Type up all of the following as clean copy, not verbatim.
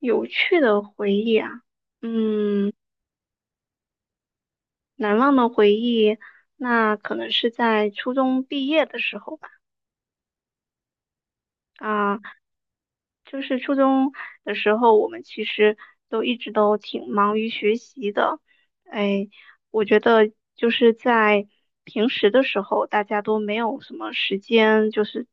有趣的回忆啊，嗯，难忘的回忆，那可能是在初中毕业的时候吧。啊，就是初中的时候，我们其实一直都挺忙于学习的。哎，我觉得就是在平时的时候，大家都没有什么时间，就是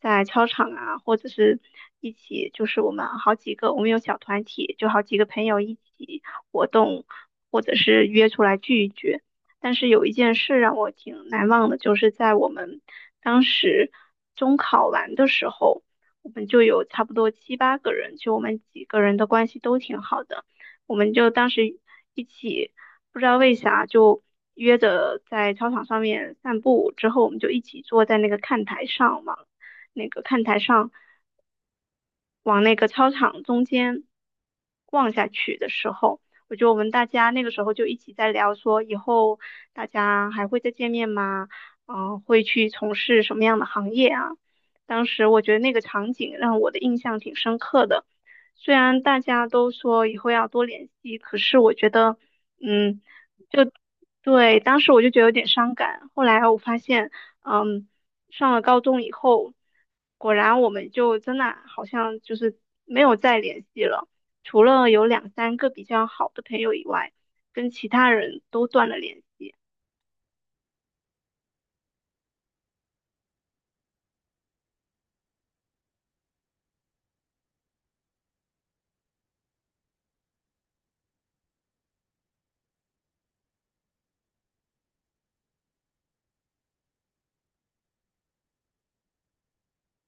在操场啊，或者是一起，就是我们好几个，我们有小团体，就好几个朋友一起活动，或者是约出来聚一聚。但是有一件事让我挺难忘的，就是在我们当时中考完的时候。我们就有差不多七八个人，就我们几个人的关系都挺好的，我们就当时一起不知道为啥就约着在操场上面散步，之后我们就一起坐在那个看台上嘛。那个看台上往那个操场中间望下去的时候，我觉得我们大家，那个时候就一起在聊说，以后大家还会再见面吗？嗯、会去从事什么样的行业啊？当时我觉得那个场景让我的印象挺深刻的。虽然大家都说以后要多联系，可是我觉得，嗯，就对，当时我就觉得有点伤感。后来我发现，嗯，上了高中以后，果然我们就真的好像就是没有再联系了，除了有两三个比较好的朋友以外，跟其他人都断了联系。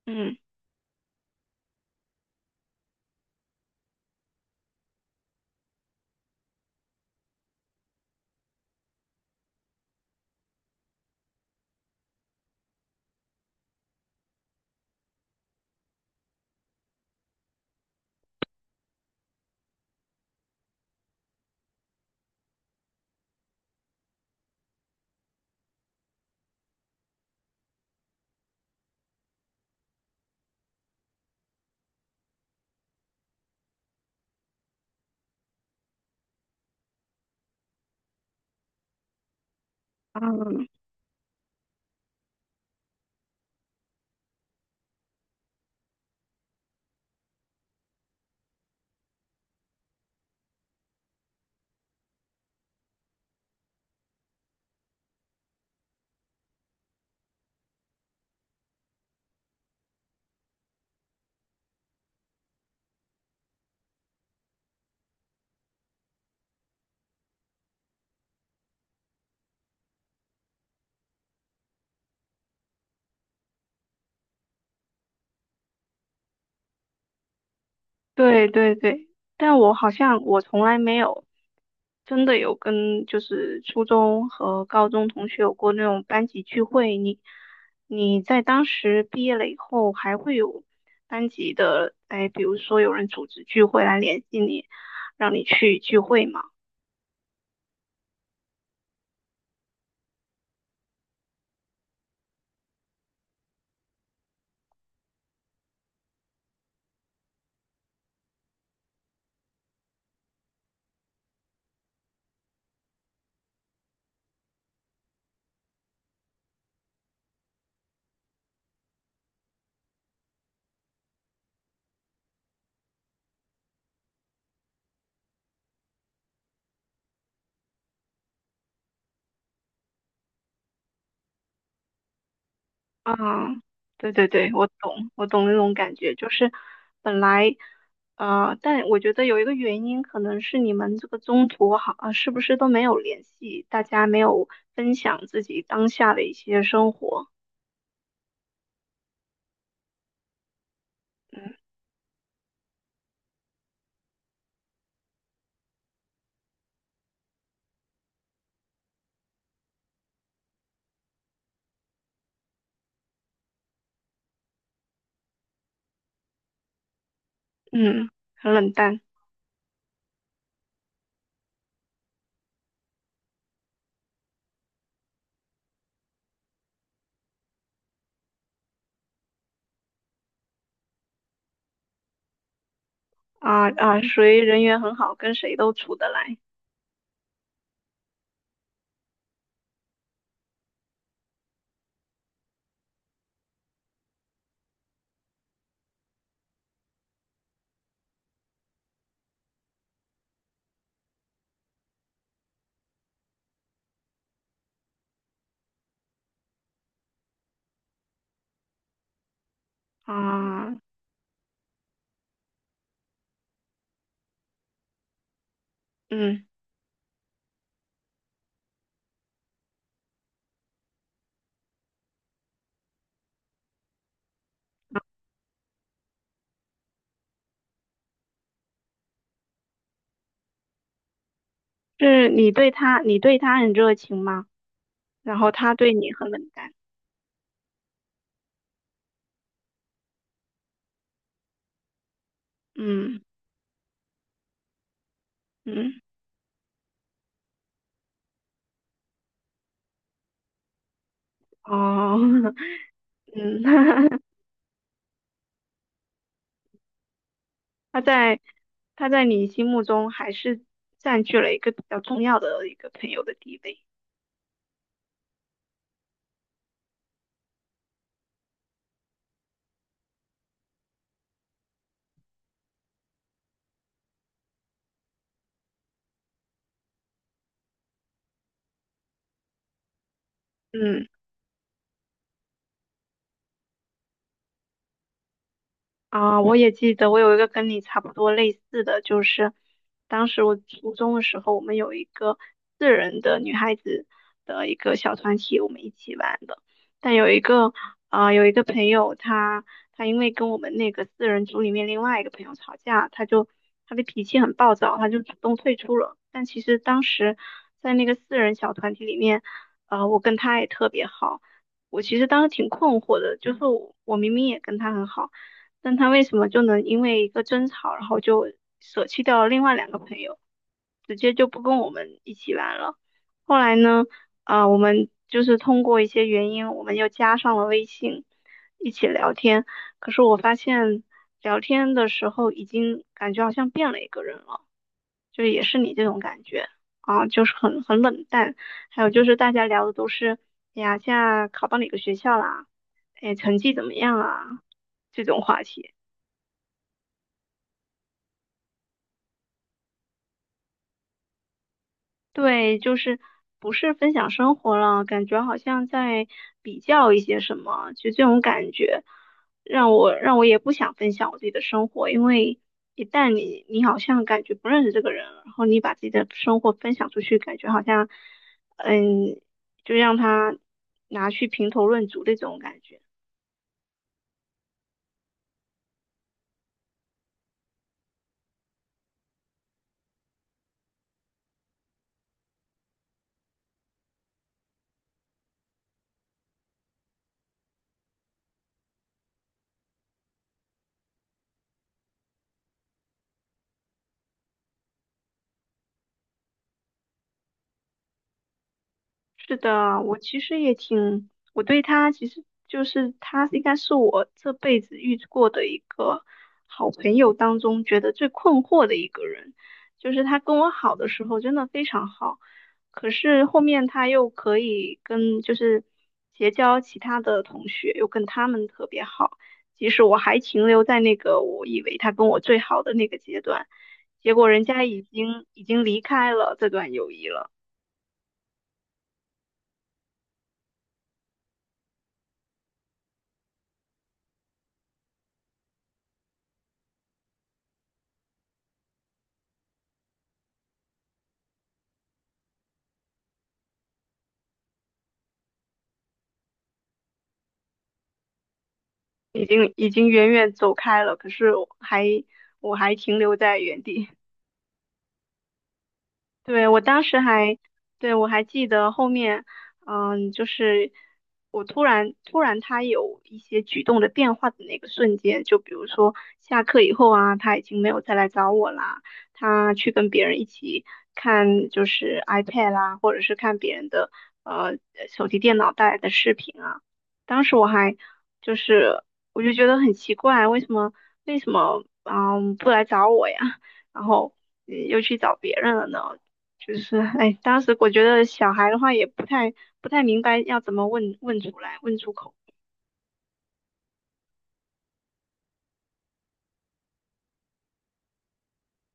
嗯。嗯，对对对，但我好像从来没有真的有跟就是初中和高中同学有过那种班级聚会。你在当时毕业了以后，还会有班级的，哎，比如说有人组织聚会来联系你，让你去聚会吗？啊，对对对，我懂，我懂那种感觉，就是本来，但我觉得有一个原因，可能是你们这个中途好，啊，是不是都没有联系，大家没有分享自己当下的一些生活，嗯嗯，很冷淡。啊啊，属于人缘很好，跟谁都处得来。啊，嗯，是你对他，你对他很热情吗？然后他对你很冷淡，嗯嗯，哦，嗯。他在他在你心目中还是占据了一个比较重要的一个朋友的地位。嗯。啊，我也记得，我有一个跟你差不多类似的，就是当时我初中的时候，我们有一个四人的女孩子的一个小团体，我们一起玩的。但有一个啊、有一个朋友他，因为跟我们那个四人组里面另外一个朋友吵架，他的脾气很暴躁，他就主动退出了。但其实当时在那个四人小团体里面，我跟他也特别好。我其实当时挺困惑的，就是我明明也跟他很好。但他为什么就能因为一个争吵，然后就舍弃掉了另外两个朋友，直接就不跟我们一起玩了？后来呢，啊、我们就是通过一些原因，我们又加上了微信，一起聊天。可是我发现聊天的时候，已经感觉好像变了一个人了，就也是你这种感觉啊，就是很冷淡。还有就是大家聊的都是，哎呀，现在考到哪个学校啦？哎，成绩怎么样啊？这种话题。对，就是不是分享生活了，感觉好像在比较一些什么，就这种感觉，让我也不想分享我自己的生活，因为一旦你好像感觉不认识这个人了然后你把自己的生活分享出去，感觉好像，嗯，就让他拿去评头论足的这种感觉。是的，我其实也挺，我对他其实就是他应该是我这辈子遇过的一个好朋友当中觉得最困惑的一个人，就是他跟我好的时候真的非常好，可是后面他又可以跟就是结交其他的同学，又跟他们特别好，即使我还停留在那个我以为他跟我最好的那个阶段，结果人家已经离开了这段友谊了。已经远远走开了，可是我还停留在原地。对，我当时还，对，我还记得后面，嗯，就是我突然突然他有一些举动的变化的那个瞬间，就比如说下课以后啊，他已经没有再来找我啦，他去跟别人一起看就是 iPad 啦，或者是看别人的呃手提电脑带来的视频啊，当时我还就是我就觉得很奇怪，为什么不来找我呀？然后又去找别人了呢？就是 哎，当时我觉得小孩的话也不太明白要怎么问出来，问出口。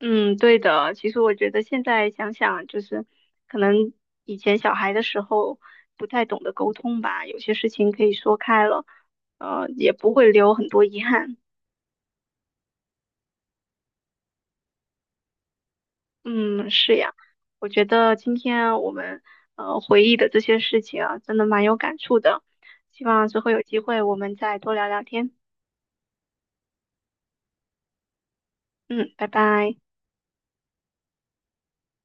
嗯，对的。其实我觉得现在想想，就是可能以前小孩的时候不太懂得沟通吧，有些事情可以说开了，也不会留很多遗憾。嗯，是呀。我觉得今天我们回忆的这些事情啊，真的蛮有感触的。希望之后有机会我们再多聊聊天。嗯，拜拜。